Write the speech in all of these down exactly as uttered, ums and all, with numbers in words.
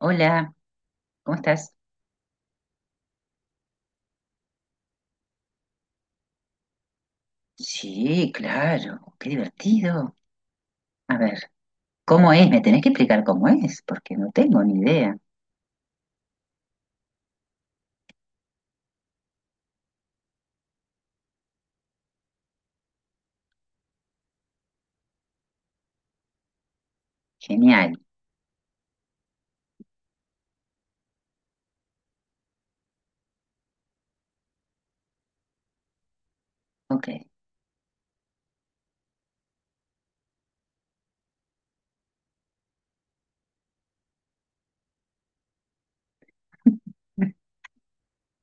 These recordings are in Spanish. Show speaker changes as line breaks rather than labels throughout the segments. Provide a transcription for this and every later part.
Hola, ¿cómo estás? Sí, claro, qué divertido. A ver, ¿cómo es? Me tenés que explicar cómo es, porque no tengo ni idea. Genial, ok.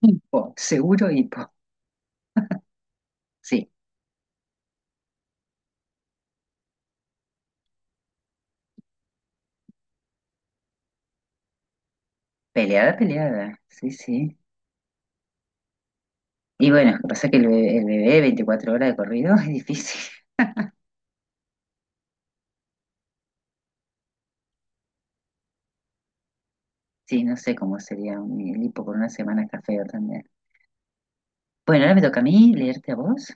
Hipo, seguro hipo. Sí, peleada, peleada. Sí, sí. Y bueno, lo que pasa es que el bebé, el bebé veinticuatro horas de corrido es difícil. Sí, no sé cómo sería un, el hipo con una semana está feo también. Bueno, ahora me toca a mí leerte a vos.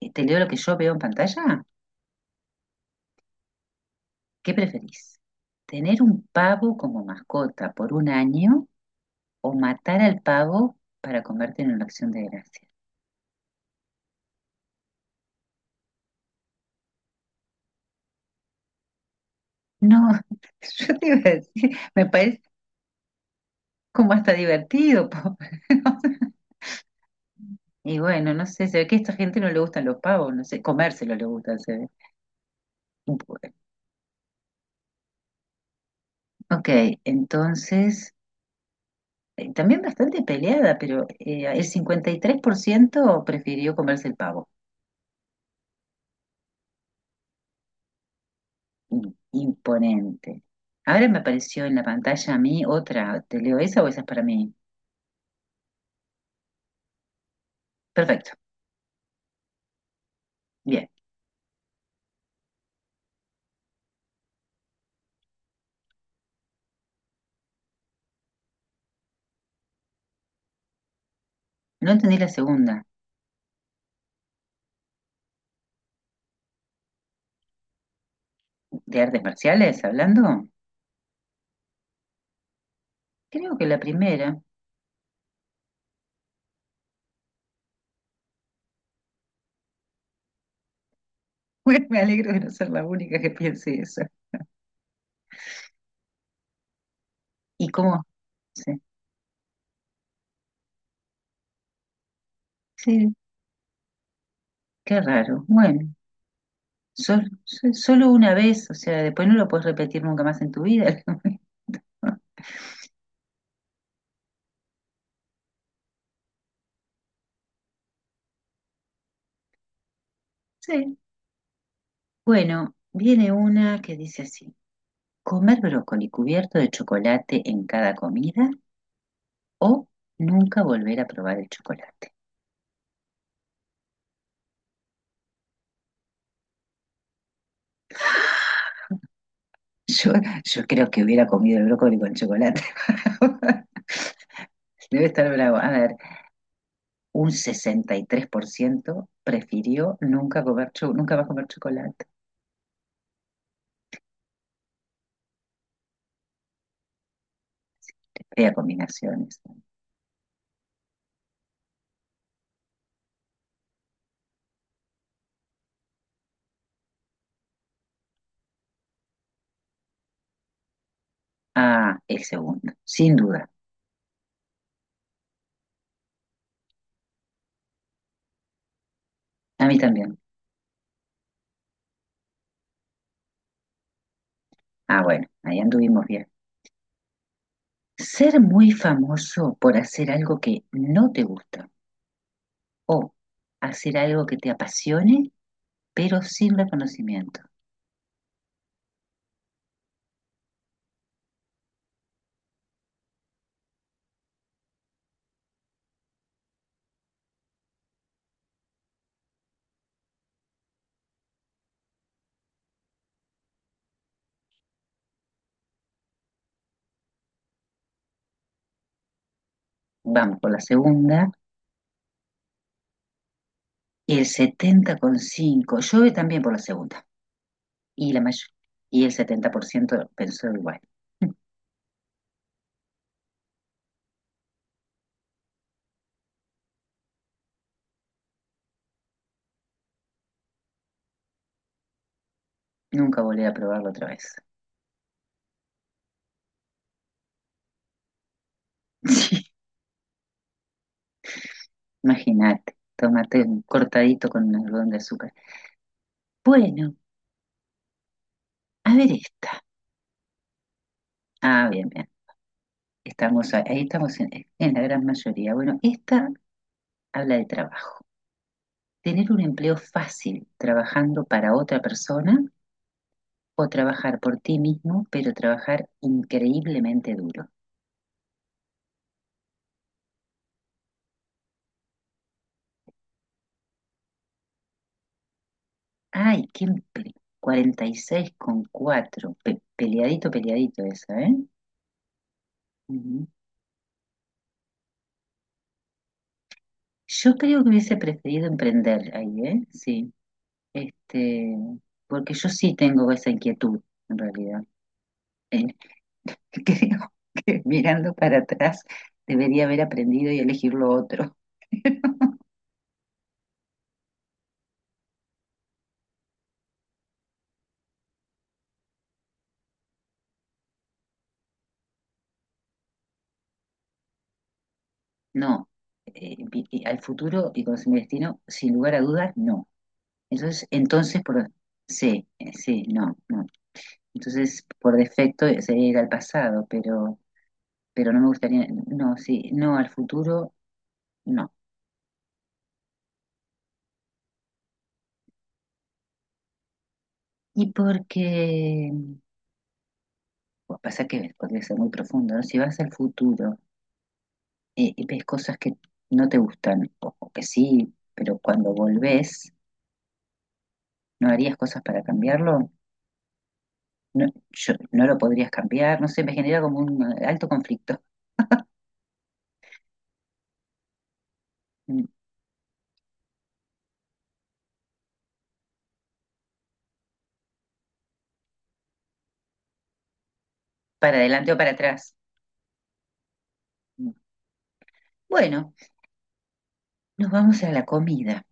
Eh, ¿Te leo lo que yo veo en pantalla? ¿Qué preferís? ¿Tener un pavo como mascota por un año, o matar al pavo para comerte en una acción de gracia? No, yo te iba a decir, me parece como hasta divertido, po. Y bueno, no sé, se ve que a esta gente no le gustan los pavos, no sé, comérselo le gustan, se ve. Ok, entonces, eh, también bastante peleada, pero eh, el cincuenta y tres por ciento prefirió comerse el pavo. I- Imponente. Ahora me apareció en la pantalla a mí otra, ¿te leo esa o esa es para mí? Perfecto, bien. No entendí la segunda. ¿De artes marciales hablando? Creo que la primera. Bueno, me alegro de no ser la única que piense eso. ¿Y cómo? Sí, sí, qué raro. Bueno, sol- so- solo una vez, o sea, después no lo puedes repetir nunca más en tu vida. Sí. Bueno, viene una que dice así: comer brócoli cubierto de chocolate en cada comida o nunca volver a probar el chocolate. Yo, yo creo que hubiera comido el brócoli con chocolate. Debe estar bravo. A ver, un sesenta y tres por ciento prefirió nunca, comer nunca más comer chocolate. Fea combinaciones. Ah, el segundo, sin duda. A mí también. Ah, bueno, ahí anduvimos bien. Ser muy famoso por hacer algo que no te gusta, o hacer algo que te apasione, pero sin reconocimiento. Vamos por la segunda. El setenta coma cinco. Yo voy también por la segunda. Y la mayor. Y el setenta por ciento pensó igual. Nunca volveré a probarlo otra vez. Sí, imagínate, tomate un cortadito con un algodón de azúcar. Bueno, a ver esta. Ah, bien, bien. Estamos ahí, ahí estamos en, en la gran mayoría. Bueno, esta habla de trabajo. Tener un empleo fácil trabajando para otra persona, o trabajar por ti mismo, pero trabajar increíblemente duro. Ay, qué empleo. cuarenta y seis coma cuatro. Pe- peleadito, peleadito esa, ¿eh? Ujú. Yo creo que hubiese preferido emprender ahí, ¿eh? Sí. Este, porque yo sí tengo esa inquietud, en realidad. Eh, creo que mirando para atrás debería haber aprendido y elegir lo otro. No, eh, vi- y al futuro y con mi destino, sin lugar a dudas, no. Entonces, entonces por, sí, eh, sí, no, no. Entonces, por defecto eh, sería ir al pasado, pero, pero no me gustaría, no, sí, no, al futuro, no. Y porque, pues pasa que podría ser muy profundo, ¿no? Si vas al futuro eh, ves cosas que no te gustan o, o que sí, pero cuando volvés, ¿no harías cosas para cambiarlo? No, yo, no lo podrías cambiar, no sé, me genera como un eh, alto conflicto, mm, para adelante o para atrás. Mm. Bueno, nos vamos a la comida.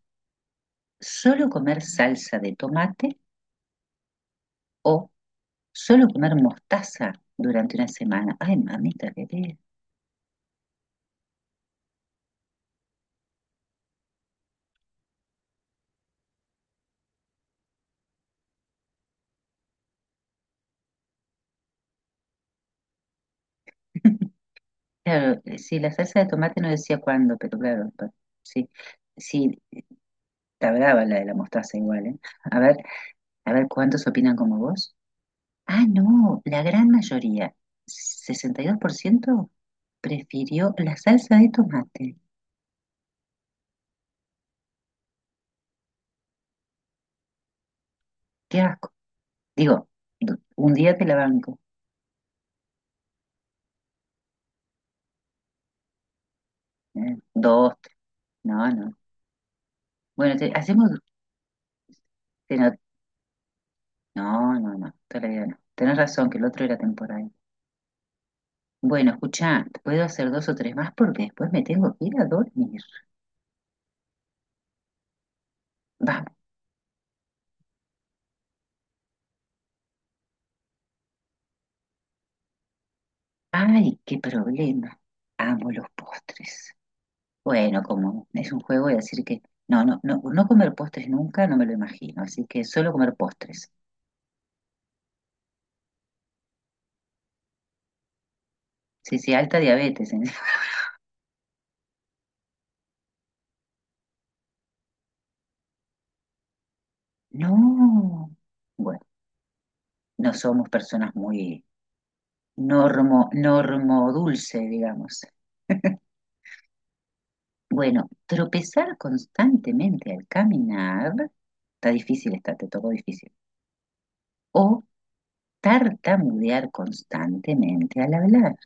¿Solo comer salsa de tomate, o solo comer mostaza durante una semana? Ay, mamita, qué te- Claro, eh, sí, la salsa de tomate no decía cuándo, pero claro, pa- sí. Sí, está brava la de la mostaza igual, ¿eh? A ver, a ver cuántos opinan como vos. Ah, no, la gran mayoría, sesenta y dos por ciento prefirió la salsa de tomate. Qué asco. Digo, d- un día te la banco, ¿eh? Dos, no, no. Bueno, te- hacemos... te no, no, no, no, todavía no. Tenés razón, que el otro era temporal. Bueno, escuchá, puedo hacer dos o tres más porque después me tengo que ir a dormir. Vamos. Ay, qué problema. Amo los postres. Bueno, como es un juego, voy a decir que no, no, no, no comer postres nunca, no me lo imagino, así que solo comer postres. Sí, sí, alta diabetes. En- No, bueno, no somos personas muy normo, normo dulce, digamos. Bueno, tropezar constantemente al caminar, está difícil, está, te tocó difícil. O tartamudear constantemente al hablar.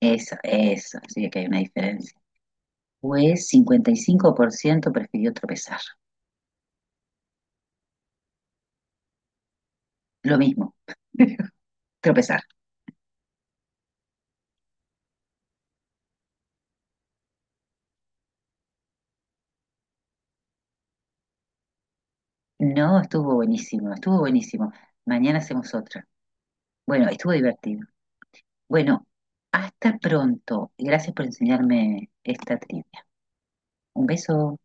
Eso, eso, sí que hay una diferencia. Pues cincuenta y cinco por ciento prefirió tropezar. Lo mismo, tropezar. No, estuvo buenísimo, estuvo buenísimo. Mañana hacemos otra. Bueno, estuvo divertido. Bueno, hasta pronto. Gracias por enseñarme esta trivia. Un beso.